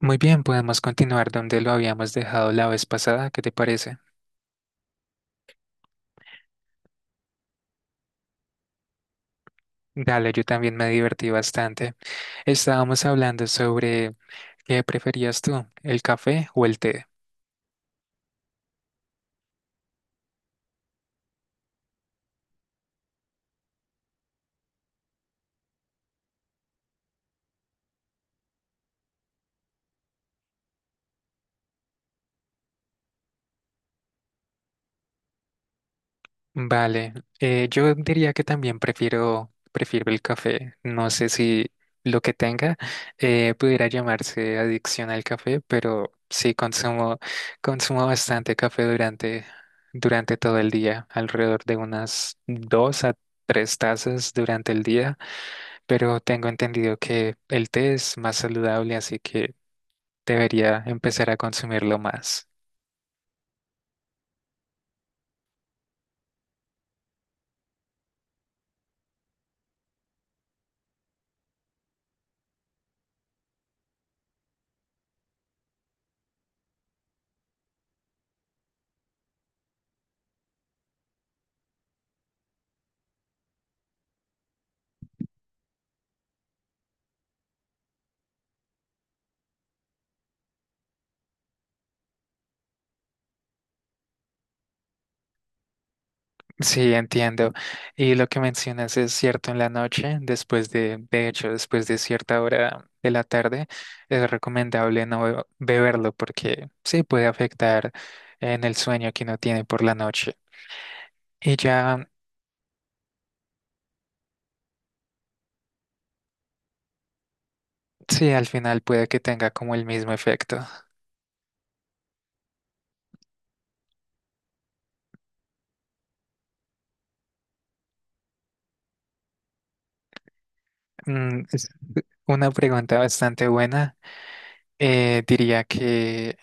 Muy bien, podemos continuar donde lo habíamos dejado la vez pasada, ¿qué te parece? Dale, yo también me divertí bastante. Estábamos hablando sobre qué preferías tú, el café o el té. Vale, yo diría que también prefiero el café. No sé si lo que tenga pudiera llamarse adicción al café, pero sí consumo bastante café durante todo el día, alrededor de unas dos a tres tazas durante el día, pero tengo entendido que el té es más saludable, así que debería empezar a consumirlo más. Sí, entiendo. Y lo que mencionas es cierto en la noche, después de hecho, después de cierta hora de la tarde, es recomendable no be- beberlo porque sí puede afectar en el sueño que uno tiene por la noche. Y ya, sí, al final puede que tenga como el mismo efecto. Es una pregunta bastante buena. Diría que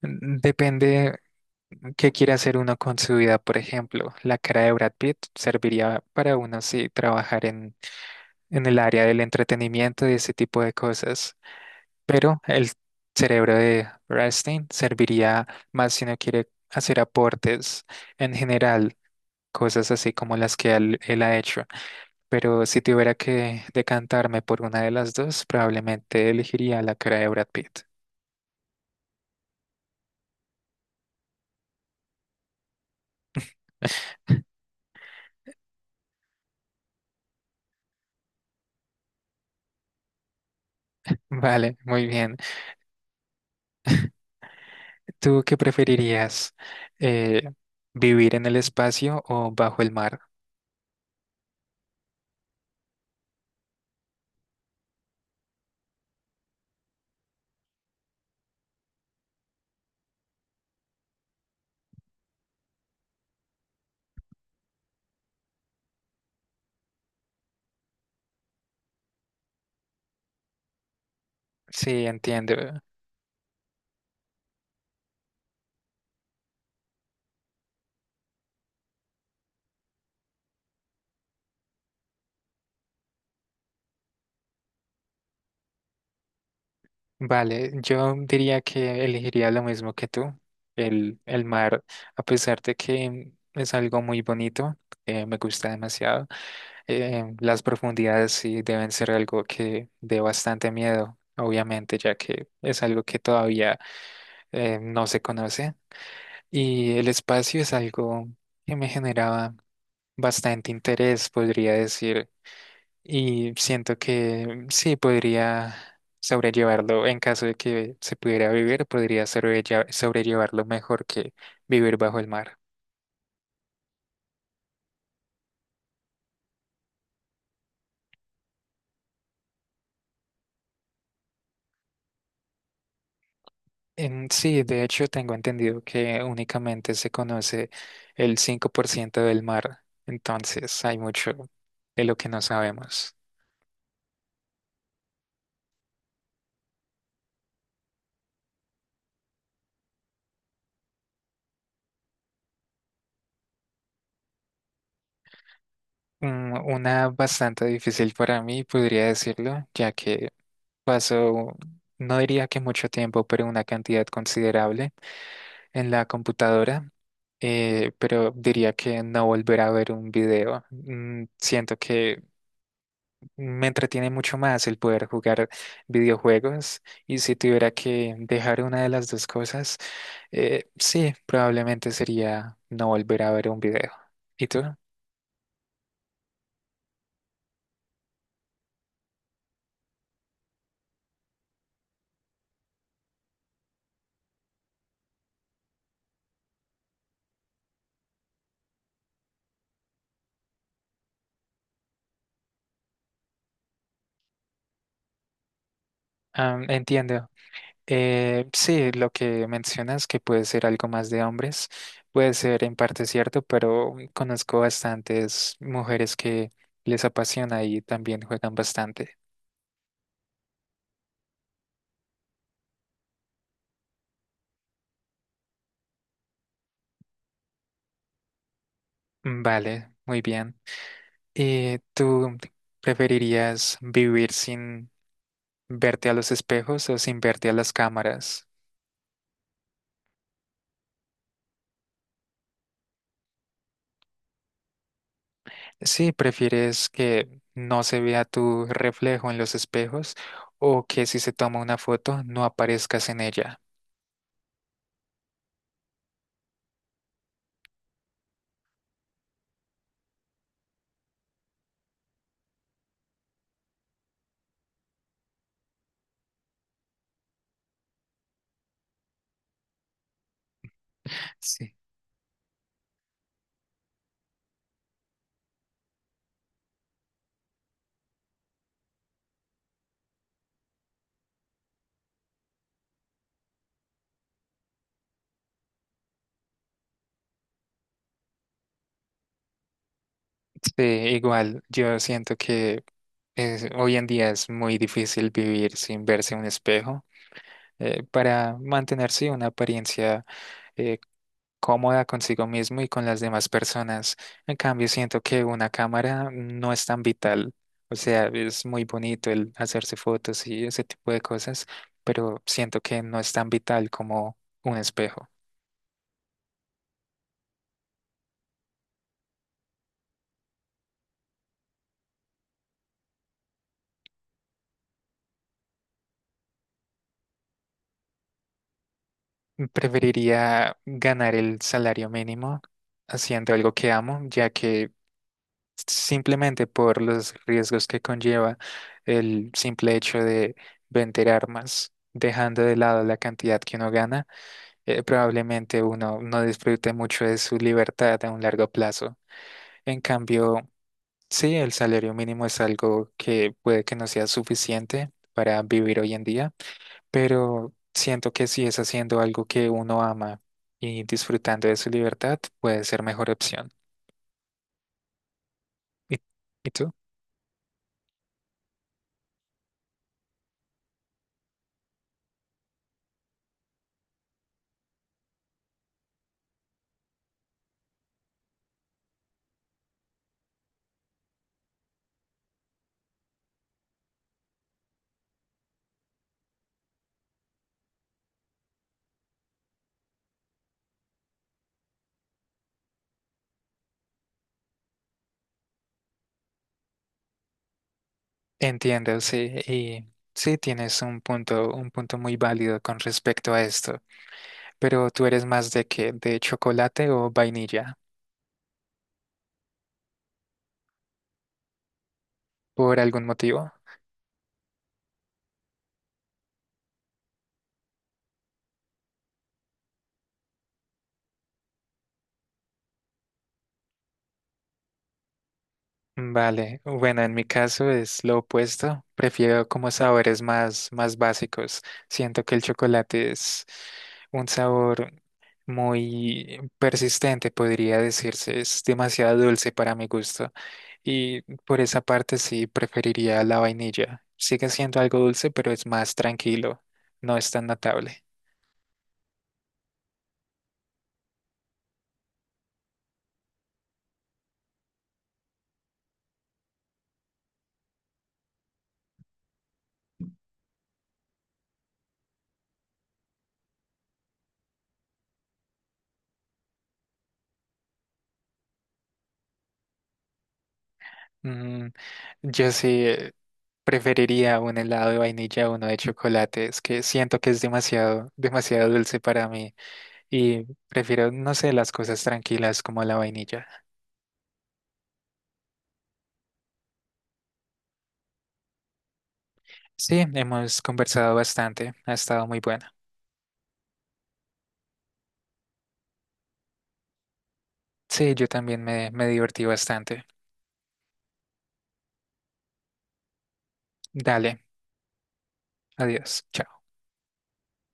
depende. ¿Qué quiere hacer uno con su vida, por ejemplo? La cara de Brad Pitt serviría para uno sí trabajar en el área del entretenimiento y ese tipo de cosas, pero el cerebro de Rastin serviría más si uno quiere hacer aportes en general, cosas así como las que él ha hecho. Pero si tuviera que decantarme por una de las dos, probablemente elegiría la cara de Brad Pitt. Vale, muy bien. ¿Tú qué preferirías? eh, ¿Vivir en el espacio o bajo el mar? Sí, entiendo. Vale, yo diría que elegiría lo mismo que tú. El mar, a pesar de que es algo muy bonito, me gusta demasiado. Las profundidades sí deben ser algo que dé bastante miedo, obviamente, ya que es algo que todavía no se conoce. Y el espacio es algo que me generaba bastante interés, podría decir, y siento que sí podría sobrellevarlo en caso de que se pudiera vivir, podría sobrellevarlo mejor que vivir bajo el mar. Sí, de hecho tengo entendido que únicamente se conoce el 5% del mar, entonces hay mucho de lo que no sabemos. Mm, una bastante difícil para mí, podría decirlo, ya que pasó no diría que mucho tiempo, pero una cantidad considerable en la computadora, pero diría que no volver a ver un video. Mm, siento que me entretiene mucho más el poder jugar videojuegos y si tuviera que dejar una de las dos cosas, sí, probablemente sería no volver a ver un video. ¿Y tú? Am, entiendo. Sí, lo que mencionas que puede ser algo más de hombres, puede ser en parte cierto, pero conozco bastantes mujeres que les apasiona y también juegan bastante. Vale, muy bien. ¿Y tú preferirías vivir sin verte a los espejos o sin verte a las cámaras? Sí, ¿prefieres que no se vea tu reflejo en los espejos o que si se toma una foto no aparezcas en ella? Sí. Sí, igual, yo siento que hoy en día es muy difícil vivir sin verse en un espejo para mantenerse una apariencia eh, cómoda consigo mismo y con las demás personas. En cambio, siento que una cámara no es tan vital. O sea, es muy bonito el hacerse fotos y ese tipo de cosas, pero siento que no es tan vital como un espejo. Preferiría ganar el salario mínimo haciendo algo que amo, ya que simplemente por los riesgos que conlleva el simple hecho de vender armas, dejando de lado la cantidad que uno gana, probablemente uno no disfrute mucho de su libertad a un largo plazo. En cambio, sí, el salario mínimo es algo que puede que no sea suficiente para vivir hoy en día, pero siento que si es haciendo algo que uno ama y disfrutando de su libertad, puede ser mejor opción. ¿Y, ¿Y tú? Entiendo, sí, y sí tienes un punto muy válido con respecto a esto. Pero tú eres más de qué, ¿de chocolate o vainilla, por algún motivo? Vale, bueno, en mi caso es lo opuesto. Prefiero como sabores más básicos. Siento que el chocolate es un sabor muy persistente, podría decirse. Es demasiado dulce para mi gusto. Y por esa parte sí preferiría la vainilla. Sigue siendo algo dulce, pero es más tranquilo. No es tan notable. Mm, yo sí preferiría un helado de vainilla a uno de chocolate. Es que siento que es demasiado dulce para mí. Y prefiero, no sé, las cosas tranquilas como la vainilla. Sí, hemos conversado bastante. Ha estado muy bueno. Sí, yo también me divertí bastante. Dale, adiós. Chao.